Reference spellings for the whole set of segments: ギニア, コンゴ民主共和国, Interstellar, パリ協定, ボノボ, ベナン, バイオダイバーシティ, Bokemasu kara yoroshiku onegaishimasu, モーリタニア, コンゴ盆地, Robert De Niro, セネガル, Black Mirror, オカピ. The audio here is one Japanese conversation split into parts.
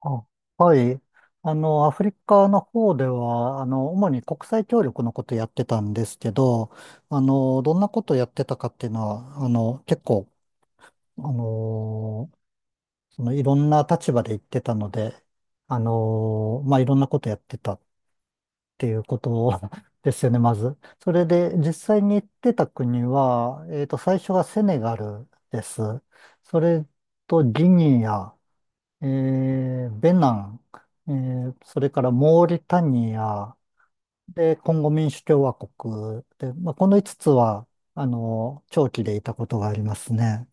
あ、はい。アフリカの方では、主に国際協力のことやってたんですけど、どんなことやってたかっていうのは、結構、あの、そのいろんな立場で言ってたので、まあ、いろんなことやってたっていうこと ですよね、まず。それで、実際に行ってた国は、最初はセネガルです。それとギニア。えベナン、えそれからモーリタニア、で、コンゴ民主共和国で、まあ、この5つは、長期でいたことがありますね。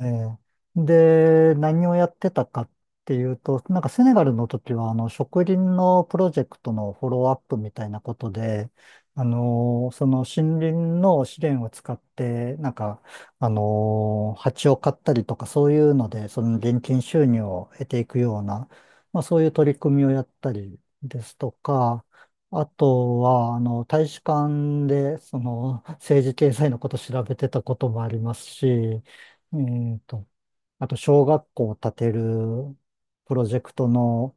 ええで、何をやってたかっていうと、なんかセネガルの時は、植林のプロジェクトのフォローアップみたいなことで、その森林の資源を使って、なんか、蜂を飼ったりとか、そういうので、その現金収入を得ていくような、まあそういう取り組みをやったりですとか、あとは、大使館で、その、政治経済のこと調べてたこともありますし、えーと、あと小学校を建てるプロジェクトの、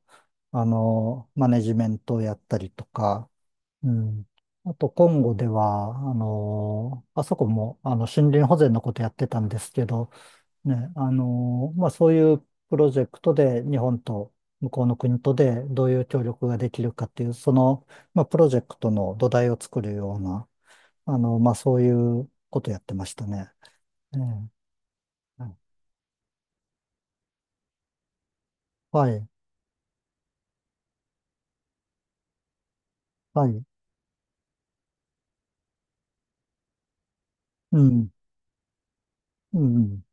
マネジメントをやったりとか、うん。あと、コンゴでは、あそこも、森林保全のことやってたんですけど、ね、まあ、そういうプロジェクトで日本と向こうの国とでどういう協力ができるかっていう、その、まあ、プロジェクトの土台を作るような、まあ、そういうことやってましたね。ええ、はい。はい。うん、うん。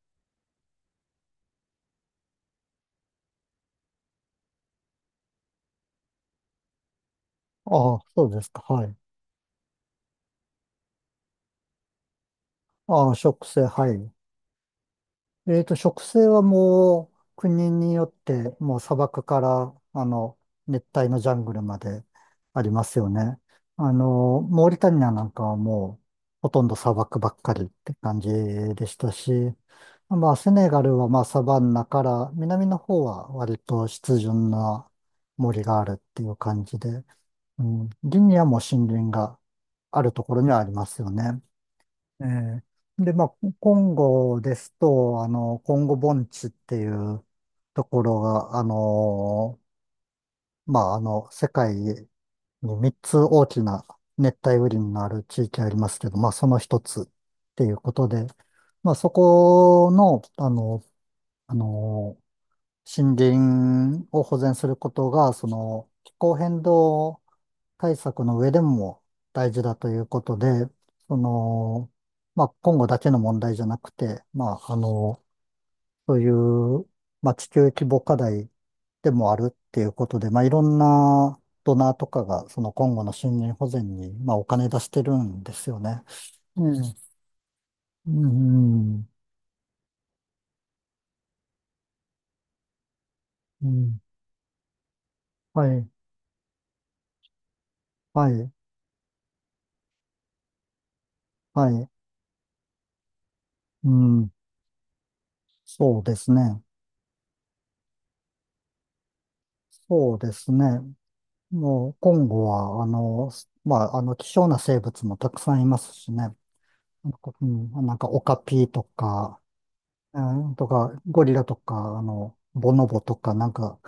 ああ、そうですか、はい。ああ、植生、はい。植生はもう、国によって、もう砂漠から、熱帯のジャングルまでありますよね。モーリタニアなんかはもう、ほとんど砂漠ばっかりって感じでしたし、まあ、セネガルはまあ、サバンナから、南の方は割と湿潤な森があるっていう感じで、うん、林にはもう森林があるところにはありますよね。ええで、まあ、コンゴですと、コンゴ盆地っていうところが、まあ、世界に3つ大きな熱帯雨林がある地域ありますけど、まあ、その一つっていうことで、まあ、そこの、あの、森林を保全することが、その、気候変動対策の上でも大事だということで、その、まあ、今後だけの問題じゃなくて、まあ、そういう、まあ、地球規模課題でもあるっていうことで、まあ、いろんなドナーとかが、その今後の森林保全に、まあ、お金出してるんですよね。うん。うん。うん。はい。はい。はい。うん。そうですね。そうですね。もう、今後は、まあ、希少な生物もたくさんいますしね。なんか、うん、なんかオカピとか、えとか、ゴリラとか、ボノボとか、なんか、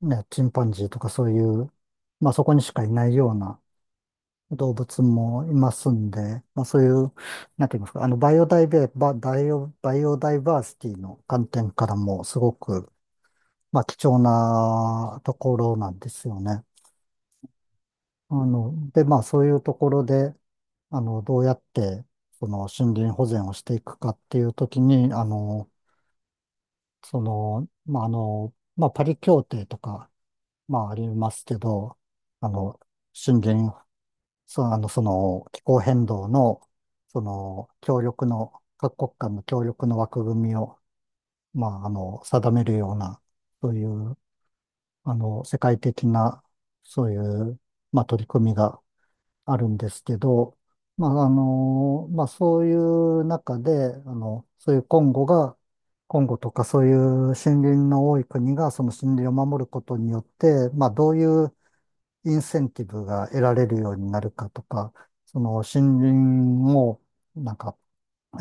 ね、チンパンジーとかそういう、まあ、そこにしかいないような動物もいますんで、まあ、そういう、なんて言いますか、バイオダイバーシティの観点からも、すごく、まあ、貴重なところなんですよね。で、まあ、そういうところで、どうやって、その、森林保全をしていくかっていうときに、その、まあ、まあ、パリ協定とか、まあ、ありますけど、あの、森林、その、その、気候変動の、その、協力の、各国間の協力の枠組みを、まあ、定めるような、そういう、世界的な、そういう、まあ、取り組みが、あるんですけど、まあ、まあ、そういう中で、そういうコンゴが、コンゴとかそういう森林の多い国がその森林を守ることによって、まあ、どういうインセンティブが得られるようになるかとか、その森林をなんか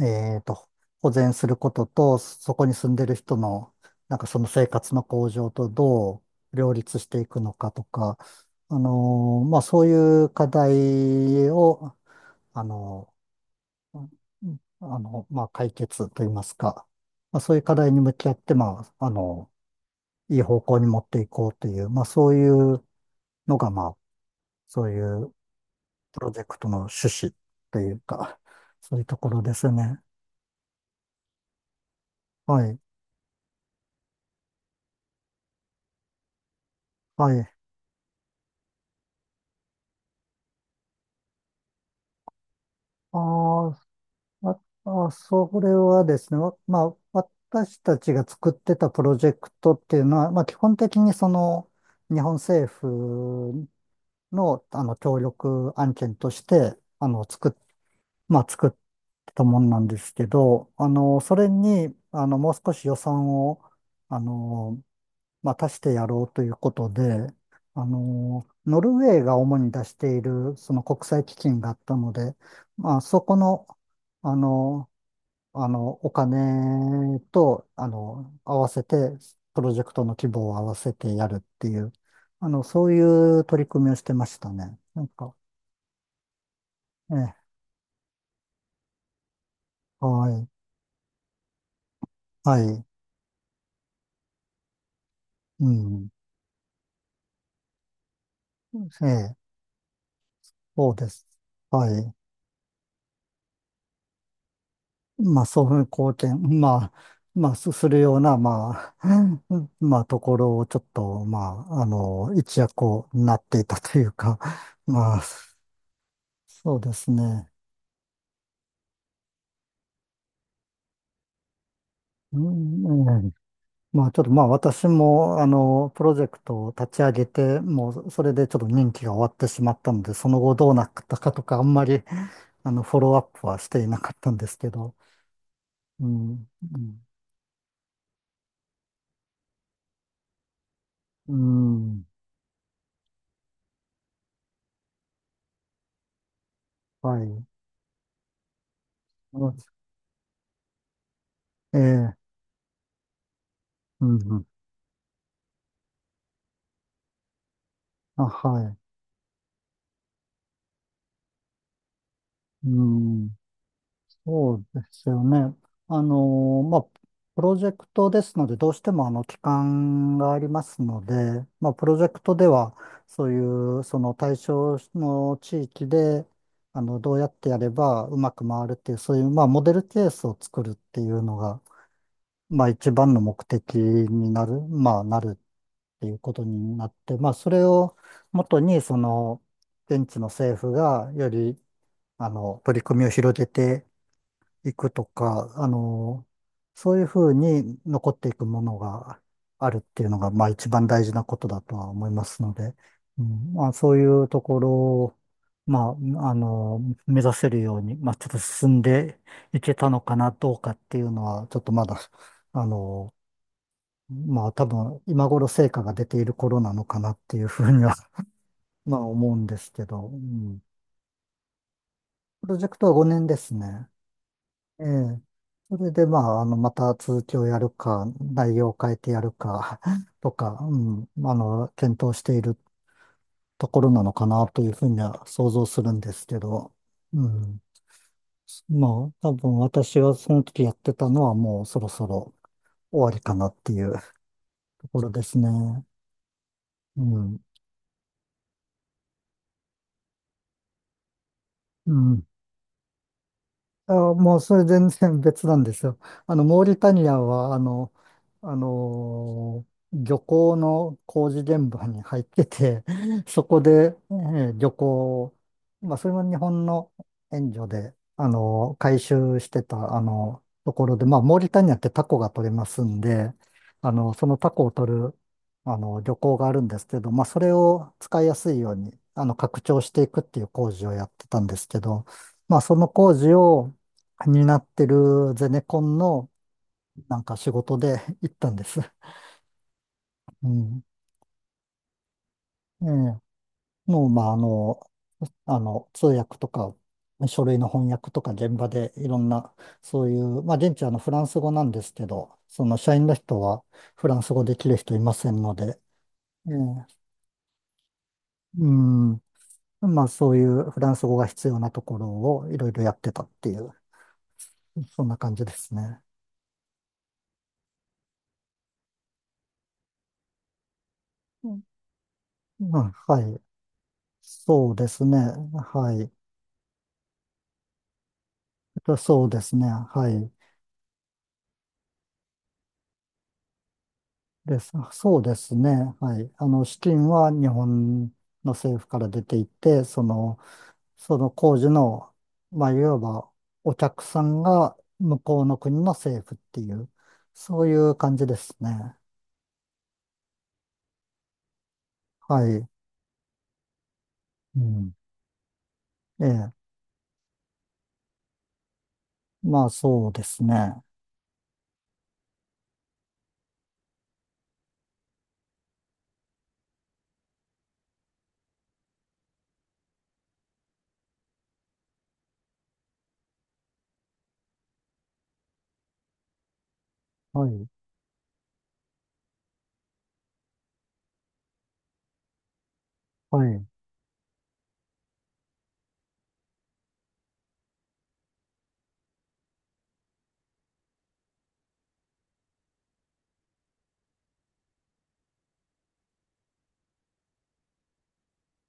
えーと、保全することと、そこに住んでる人の、なんかその生活の向上とどう両立していくのかとか、まあそういう課題を、あのーまあ解決といいますか、まあそういう課題に向き合って、まあ、いい方向に持っていこうという、まあそういうのが、まあそういうプロジェクトの趣旨というか、そういうところですね。はい。はい。ああ、あ、それはですね、まあ、私たちが作ってたプロジェクトっていうのは、まあ、基本的にその日本政府の、協力案件としてまあ、作ってたもんなんですけど、それにもう少し予算をあの、まあ、足してやろうということで、ノルウェーが主に出しているその国際基金があったので、まあ、そこのあのお金と、合わせて、プロジェクトの規模を合わせてやるっていう、そういう取り組みをしてましたね。なんか、ええ、はい、はい、うん、ええ、そうです。はい。まあ、そういう貢献、まあ、するような、まあ、うん、まあ、ところをちょっと、まあ、一躍をなっていたというか、まあ、そうですね。うん、うん、まあちょっとまあ私もプロジェクトを立ち上げて、もうそれでちょっと任期が終わってしまったので、その後どうなったかとかあんまり フォローアップはしていなかったんですけど、うん、うん、うん、はい。うん、ええ、うん、うん、あ、はい。うん、そうですよね。まあ、プロジェクトですので、どうしても期間がありますので、まあ、プロジェクトでは、そういう、その対象の地域で、どうやってやればうまく回るっていう、そういう、まあ、モデルケースを作るっていうのが、まあ、一番の目的になる、まあ、っていうことになって、まあ、それを元に、その、現地の政府がより、取り組みを広げて、行くとか、そういうふうに残っていくものがあるっていうのが、まあ一番大事なことだとは思いますので、うん、まあそういうところを、まあ、目指せるように、まあちょっと進んでいけたのかな、どうかっていうのは、ちょっとまだ、あの、まあ多分今頃成果が出ている頃なのかなっていうふうには、まあ思うんですけど、うん、プロジェクトは5年ですね。ええ。それで、まあ、また続きをやるか、内容を変えてやるか、とか、うん、検討しているところなのかなというふうには想像するんですけど、うん。まあ、多分私はその時やってたのはもうそろそろ終わりかなっていうところですね。うん。うん。あ、もうそれ全然別なんですよ。モーリタニアは、あのー漁港の工事現場に入ってて、そこで、漁港を、まあ、それも日本の援助で、回収してた、あのところで、まあ、モーリタニアってタコが取れますんで、そのタコを取る、漁港があるんですけど、まあ、それを使いやすいように、拡張していくっていう工事をやってたんですけど、まあ、その工事を、になってるゼネコンのなんか仕事で 行ったんです。うん。ええ。もう、まあ、通訳とか、書類の翻訳とか現場でいろんな、そういう、まあ、現地はフランス語なんですけど、その社員の人はフランス語できる人いませんので、ええ。うん。まあ、そういうフランス語が必要なところをいろいろやってたっていう、そんな感じですね。うん。まあ、はい。そうですね。はい。そうですね。はい。です。そうですね。はい。資金は日本の政府から出ていて、その、その工事の、まあ、いわばお客さんが向こうの国の政府っていう、そういう感じですね。はい。うん。ええ。まあ、そうですね。はい。はい。